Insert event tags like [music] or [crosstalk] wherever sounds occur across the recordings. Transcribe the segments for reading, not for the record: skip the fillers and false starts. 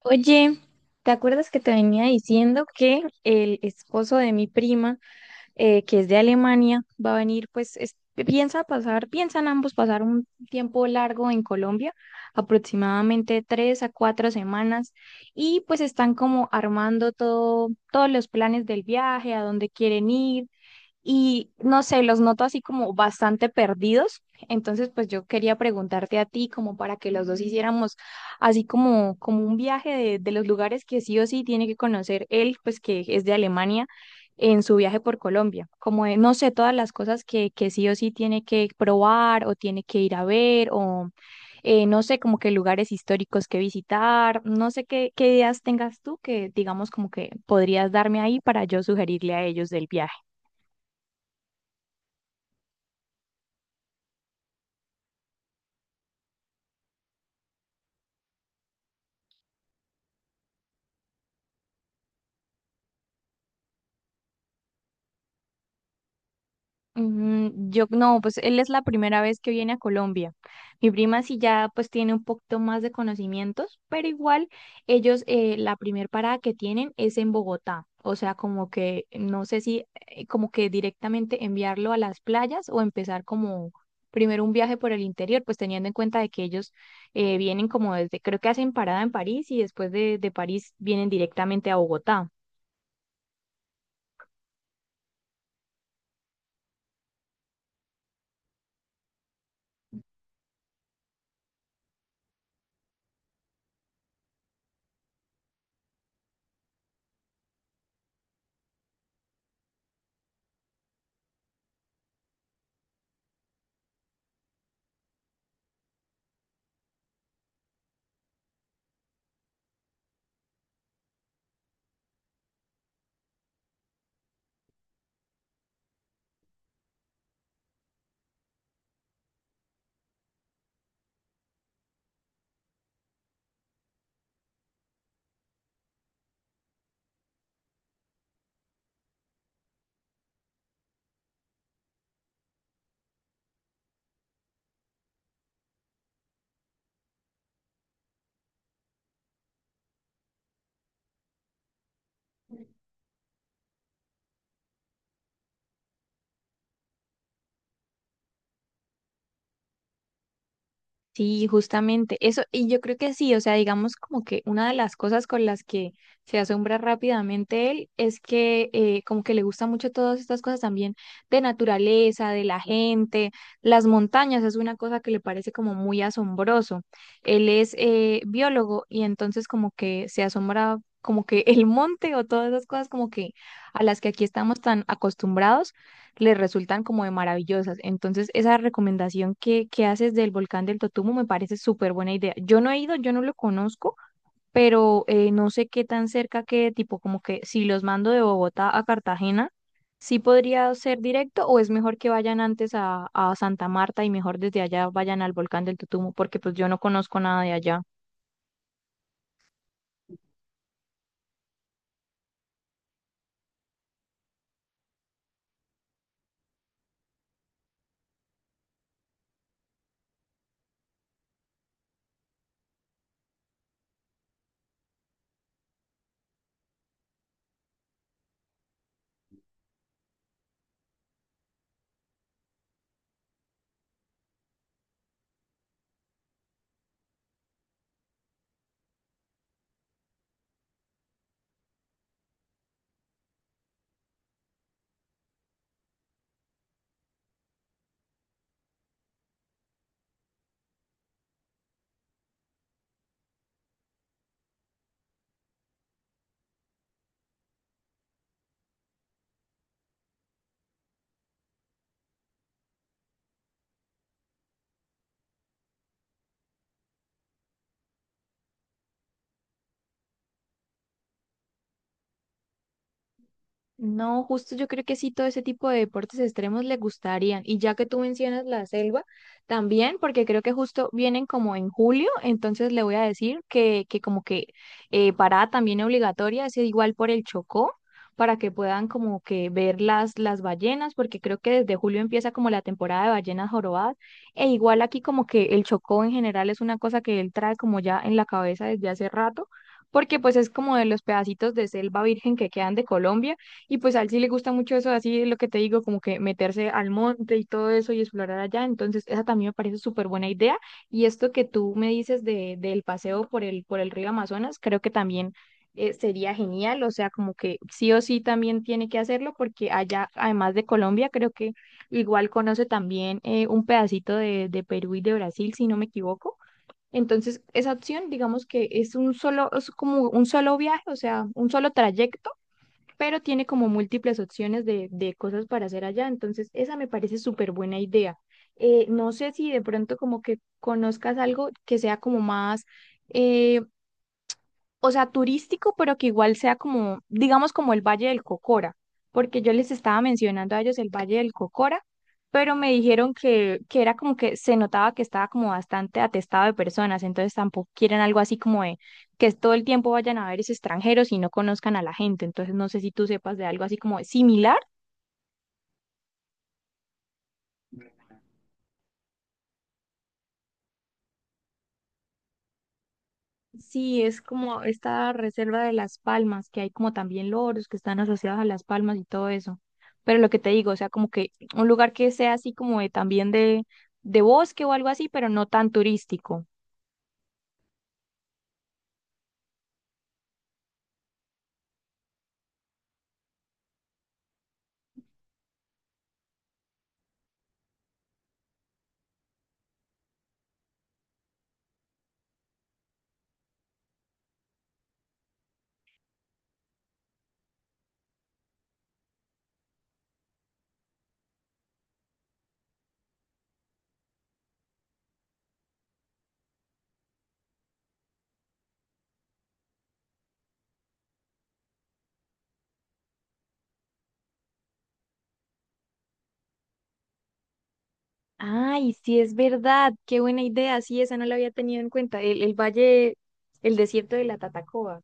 Oye, ¿te acuerdas que te venía diciendo que el esposo de mi prima, que es de Alemania, va a venir, pues piensa pasar, piensan ambos pasar un tiempo largo en Colombia, aproximadamente tres a cuatro semanas, y pues están como armando todo, todos los planes del viaje, a dónde quieren ir, y no sé, los noto así como bastante perdidos? Entonces, pues yo quería preguntarte a ti como para que los dos hiciéramos así como, como un viaje de los lugares que sí o sí tiene que conocer él, pues que es de Alemania, en su viaje por Colombia. Como de, no sé, todas las cosas que sí o sí tiene que probar o tiene que ir a ver o no sé, como que lugares históricos que visitar. No sé qué ideas tengas tú que digamos como que podrías darme ahí para yo sugerirle a ellos del viaje. Mm, yo no, pues él es la primera vez que viene a Colombia. Mi prima sí ya pues tiene un poquito más de conocimientos, pero igual ellos la primer parada que tienen es en Bogotá. O sea, como que no sé si como que directamente enviarlo a las playas o empezar como primero un viaje por el interior, pues teniendo en cuenta de que ellos vienen como desde, creo que hacen parada en París y después de París vienen directamente a Bogotá. Sí, justamente eso, y yo creo que sí, o sea, digamos como que una de las cosas con las que se asombra rápidamente él es que como que le gusta mucho todas estas cosas también de naturaleza, de la gente, las montañas es una cosa que le parece como muy asombroso. Él es biólogo y entonces como que se asombra como que el monte o todas esas cosas como que a las que aquí estamos tan acostumbrados les resultan como de maravillosas. Entonces, esa recomendación que haces del volcán del Totumo me parece súper buena idea. Yo no he ido, yo no lo conozco, pero no sé qué tan cerca que, tipo, como que si los mando de Bogotá a Cartagena, sí podría ser directo o es mejor que vayan antes a Santa Marta y mejor desde allá vayan al volcán del Totumo, porque pues yo no conozco nada de allá. No, justo yo creo que sí, todo ese tipo de deportes extremos le gustarían. Y ya que tú mencionas la selva, también, porque creo que justo vienen como en julio, entonces le voy a decir que como que parada también obligatoria, es igual por el Chocó, para que puedan como que ver las ballenas, porque creo que desde julio empieza como la temporada de ballenas jorobadas. E igual aquí como que el Chocó en general es una cosa que él trae como ya en la cabeza desde hace rato, porque pues es como de los pedacitos de selva virgen que quedan de Colombia y pues a él sí le gusta mucho eso, así es lo que te digo, como que meterse al monte y todo eso y explorar allá. Entonces, esa también me parece súper buena idea. Y esto que tú me dices de, del paseo por el río Amazonas, creo que también sería genial. O sea, como que sí o sí también tiene que hacerlo porque allá, además de Colombia, creo que igual conoce también un pedacito de Perú y de Brasil, si no me equivoco. Entonces, esa opción, digamos que es un solo, es como un solo viaje, o sea, un solo trayecto, pero tiene como múltiples opciones de cosas para hacer allá. Entonces, esa me parece súper buena idea. No sé si de pronto como que conozcas algo que sea como más eh, o sea, turístico, pero que igual sea como, digamos, como el Valle del Cocora, porque yo les estaba mencionando a ellos el Valle del Cocora, pero me dijeron que era como que se notaba que estaba como bastante atestado de personas, entonces tampoco quieren algo así como de que todo el tiempo vayan a ver esos extranjeros y no conozcan a la gente, entonces no sé si tú sepas de algo así como similar. Sí, es como esta reserva de las palmas, que hay como también loros que están asociados a las palmas y todo eso. Pero lo que te digo, o sea, como que un lugar que sea así como de, también de bosque o algo así, pero no tan turístico. Ay, sí, es verdad, qué buena idea, sí, esa no la había tenido en cuenta, el valle, el desierto de la Tatacoa.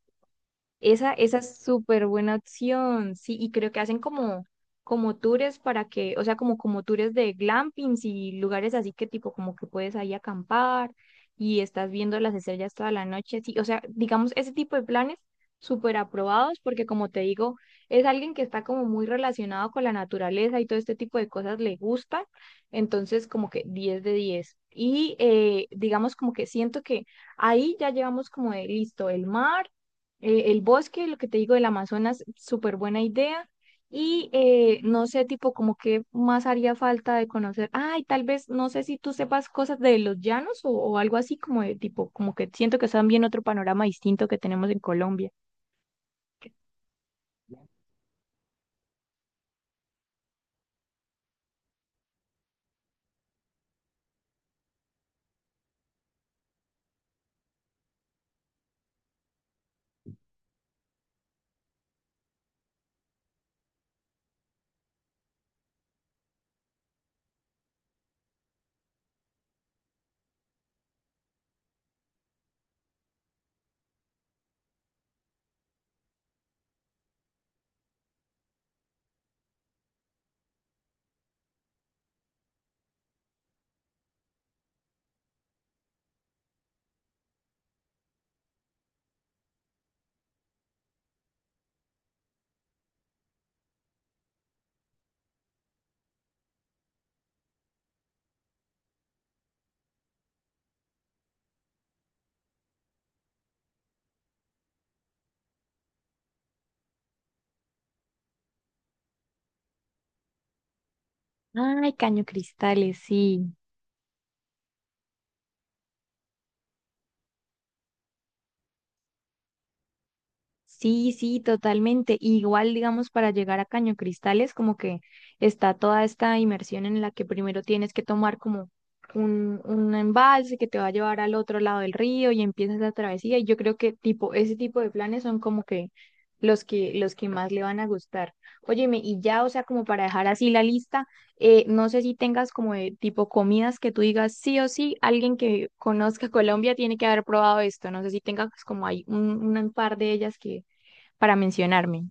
Esa es súper buena opción, sí, y creo que hacen como, como tours para que, o sea, como, como tours de glampings y lugares así que tipo como que puedes ahí acampar y estás viendo las estrellas toda la noche, sí, o sea, digamos, ese tipo de planes súper aprobados porque como te digo, es alguien que está como muy relacionado con la naturaleza y todo este tipo de cosas le gusta, entonces como que 10 de 10. Y digamos como que siento que ahí ya llevamos como de listo el mar, el bosque, lo que te digo del Amazonas, súper buena idea. Y no sé, tipo, como qué más haría falta de conocer. Ay, tal vez, no sé si tú sepas cosas de los llanos o algo así, como de tipo, como que siento que es también otro panorama distinto que tenemos en Colombia. Ay, Caño Cristales, sí. Sí, sí, totalmente. Igual, digamos, para llegar a Caño Cristales, como que está toda esta inmersión en la que primero tienes que tomar como un embalse que te va a llevar al otro lado del río y empiezas la travesía. Y yo creo que tipo, ese tipo de planes son como que los que más le van a gustar. Óyeme, y ya, o sea, como para dejar así la lista. No sé si tengas como de tipo comidas que tú digas sí o sí, alguien que conozca [laughs] Colombia tiene que haber probado esto. No sé si tengas como hay un par de ellas que para mencionarme.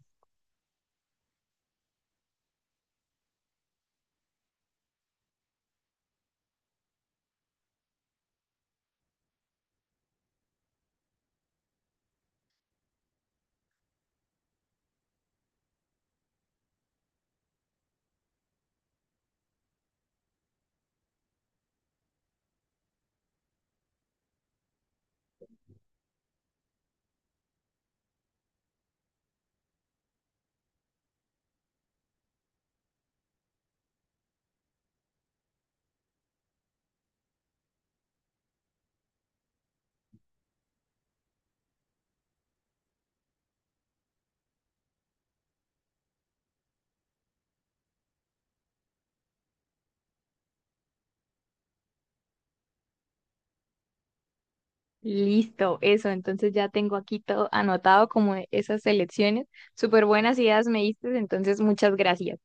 Listo, eso. Entonces ya tengo aquí todo anotado como de esas selecciones. Súper buenas ideas me diste, entonces muchas gracias.